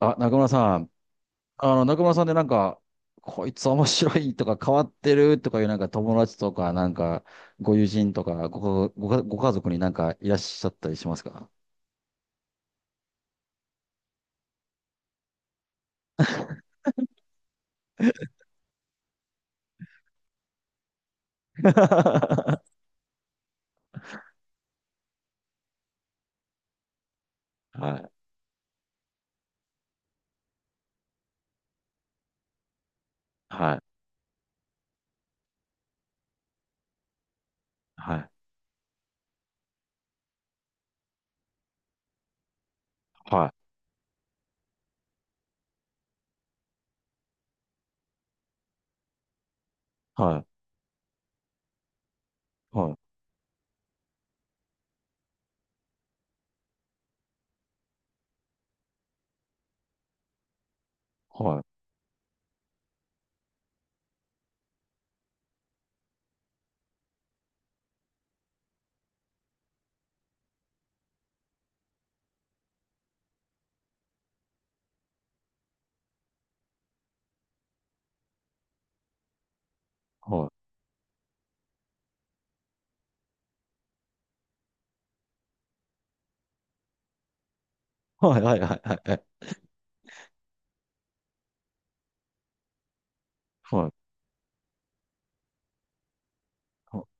あ、中村さん。中村さんでなんか、こいつ面白いとか変わってるとかいうなんか友達とか、なんか、ご友人とか、ご家族になんかいらっしゃったりしますか？ はいはい、はい、はい、はい、はい、はい、はい、はい、はい、はい、はい、はい。はい、はい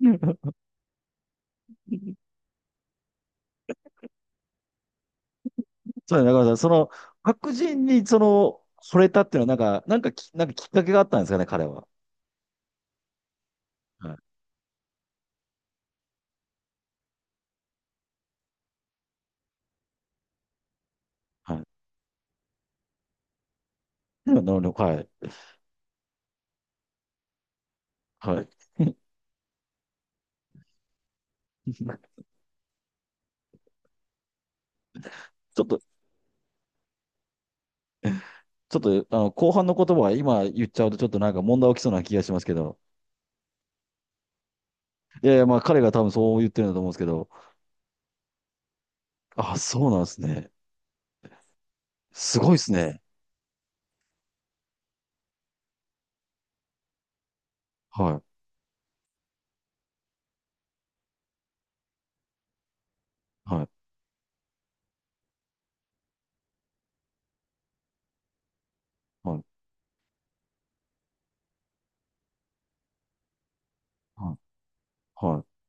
そうね、中村さん。白人に惚れたっていうのはなんか、なんかきっかけがあったんですかね、彼は？はい、はい。なるほど、はい、はい。ちょっと、ちょっと、後半の言葉は今言っちゃうとちょっとなんか問題起きそうな気がしますけど。いやいや、まあ彼が多分そう言ってるんだと思うんですけど。あ、そうなんですね。すごいですね。はい、はい、はい、はい、はい。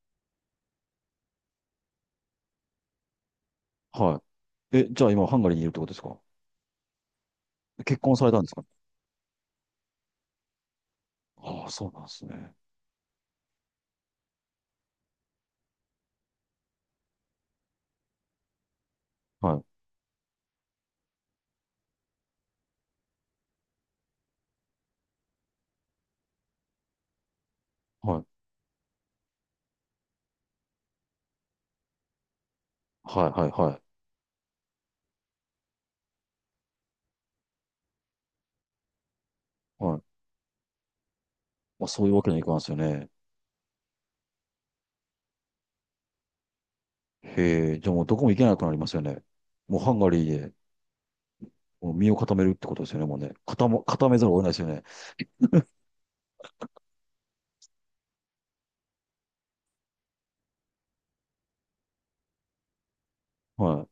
はい。じゃあ今ハンガリーにいるってことですか？結婚されたんですか？ああ、そうなんですね。はい、はい、はい、はい、はい。はい。まあ、そういうわけにはいかんですよね。へえ、じゃあもうどこも行けなくなりますよね。もうハンガリーでもう身を固めるってことですよね、もうね。固めざるを得ないですよね。はい。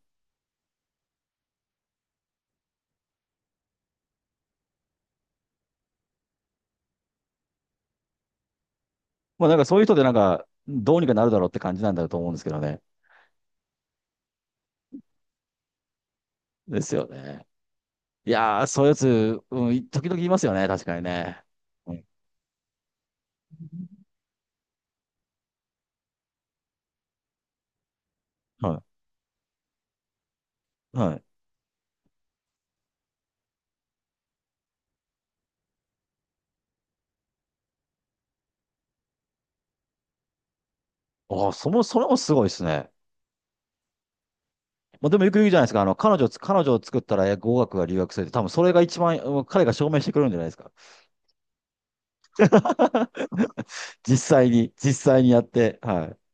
もうなんかそういう人でなんか、どうにかなるだろうって感じなんだと思うんですけどね。ですよね。いやー、そういうやつ、うん、時々いますよね、確かにね。うん。はい。はい。ああ、それもすごいですね。まあ、でもよく言うじゃないですか。彼女を作ったら語学が留学するって、多分それが一番、うん彼が証明してくれるんじゃないですか。実際に、実際にやって、はい。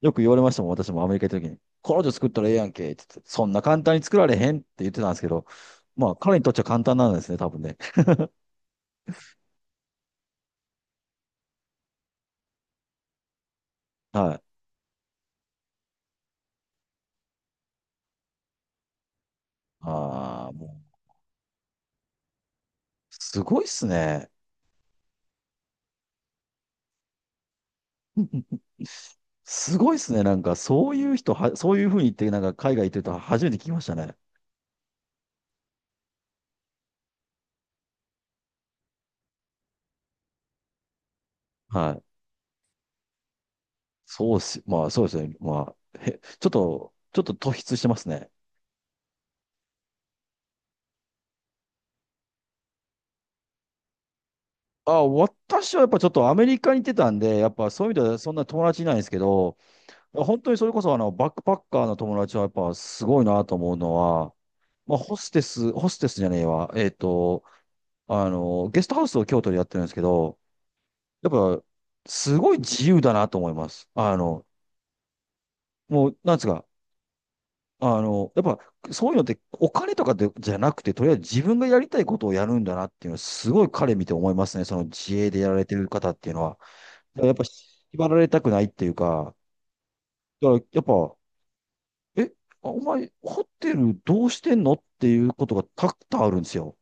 よく言われましたもん、私もアメリカ行った時に。彼女作ったらええやんけ、って言って、そんな簡単に作られへんって言ってたんですけど、まあ、彼にとっちゃ簡単なんですね、多分ね。はい。ああ、もう、すごいっすね。すごいっすね。なんか、そういう人は、そういうふうに言って、なんか、海外行ってると初めて聞きましたね。はい。そうっす。まあ、そうですね。まあ、ちょっと、ちょっと突出してますね。あ、私はやっぱちょっとアメリカに行ってたんで、やっぱそういう意味ではそんな友達いないんですけど、本当にそれこそあのバックパッカーの友達はやっぱすごいなと思うのは、まあホステス、ホステスじゃねえわ、ゲストハウスを京都でやってるんですけど、やっぱ、すごい自由だなと思います。もう、なんですか、やっぱ、そういうのって、お金とかで、じゃなくて、とりあえず自分がやりたいことをやるんだなっていうのは、すごい彼見て思いますね。その自営でやられてる方っていうのは。だからやっぱ、縛られたくないっていうか、だからやっぱ、え、あお前、ホテルどうしてんのっていうことがたくさんあるんですよ。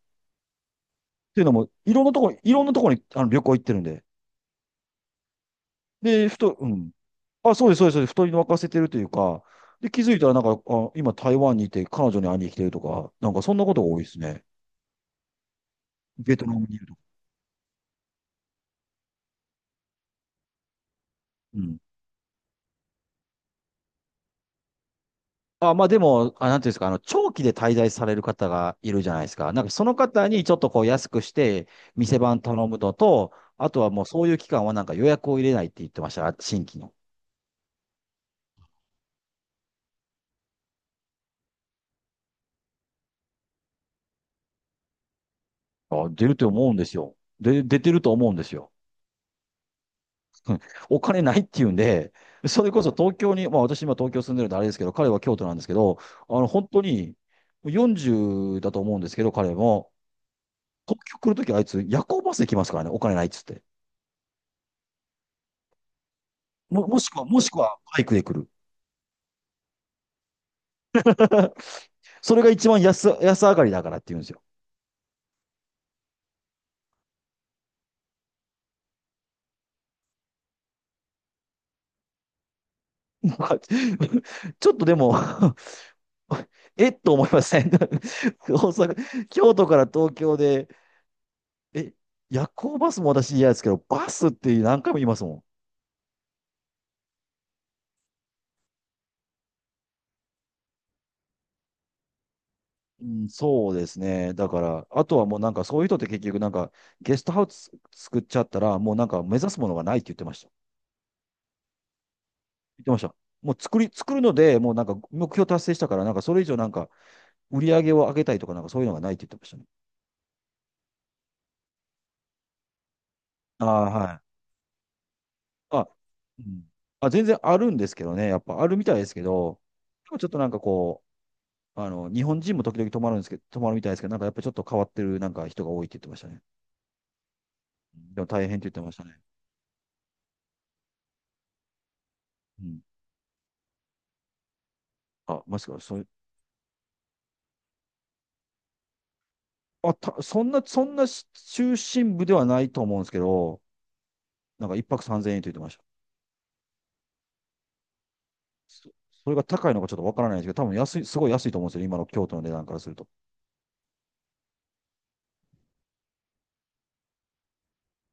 っていうのも、いろんなところ、いろんなところにあの旅行行ってるんで。で、ふと、うん。あ、そうです、そうです、そうです。太りに沸かせてるというか、で、気づいたらなんか、あ、今台湾にいて彼女に会いに来てるとか、なんかそんなことが多いですね。ベトナムにいるとか。うん。あ、まあでも、あ、なんていうんですか、あの、長期で滞在される方がいるじゃないですか。なんかその方にちょっとこう安くして、店番頼むのと、あとはもうそういう期間はなんか予約を入れないって言ってました、新規の。あ、出ると思うんですよ。で、出てると思うんですよ。うん。お金ないっていうんで、それこそ東京に、まあ私今東京住んでるんであれですけど、彼は京都なんですけど、本当に40だと思うんですけど、彼も、東京来るときあいつ夜行バスで来ますからね、お金ないっつって。もしくはバイクで来る。それが一番安上がりだからって言うんですよ。ちょっとでも えっと思いません 大阪、京都から東京で、え、夜行バスも私嫌ですけど、バスって何回も言いますもん。うん、そうですね。だから、あとはもうなんかそういう人って結局なんかゲストハウス作っちゃったらもうなんか目指すものがないって言ってました。言ってました。もう作るのでもうなんか目標達成したからなんかそれ以上なんか売り上げを上げたいとかなんかそういうのがないって言ってましたね。ああ、はい。あ、うん。あ、全然あるんですけどね。やっぱあるみたいですけど、でもちょっとなんか日本人も時々泊まるんですけど、泊まるみたいですけど、なんかやっぱちょっと変わってるなんか人が多いって言ってましたね。うん。でも大変って言ってましたね。うん。あ、もしか、そう、あ、た、そんな、そんなし中心部ではないと思うんですけど、なんか一泊三千円と言ってました。そ、それが高いのかちょっとわからないんですけど、多分安い、すごい安いと思うんですよ、今の京都の値段からすると。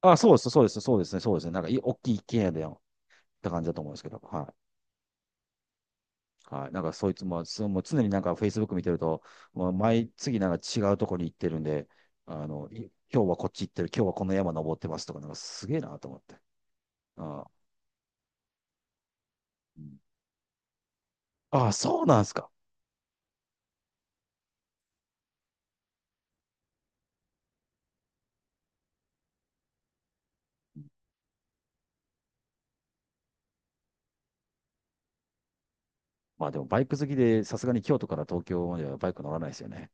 あ、そうです、そうです、そうですね、そうですね。なんか大きい一軒家でよって感じだと思うんですけど、はい。はい。なんかそいつも、そうもう常になんか Facebook 見てると、もう毎次なんか違うところに行ってるんで、今日はこっち行ってる、今日はこの山登ってますとか、なんかすげえなと思って。あー、うん。あー、そうなんですか？まあでもバイク好きで、さすがに京都から東京まではバイク乗らないですよね。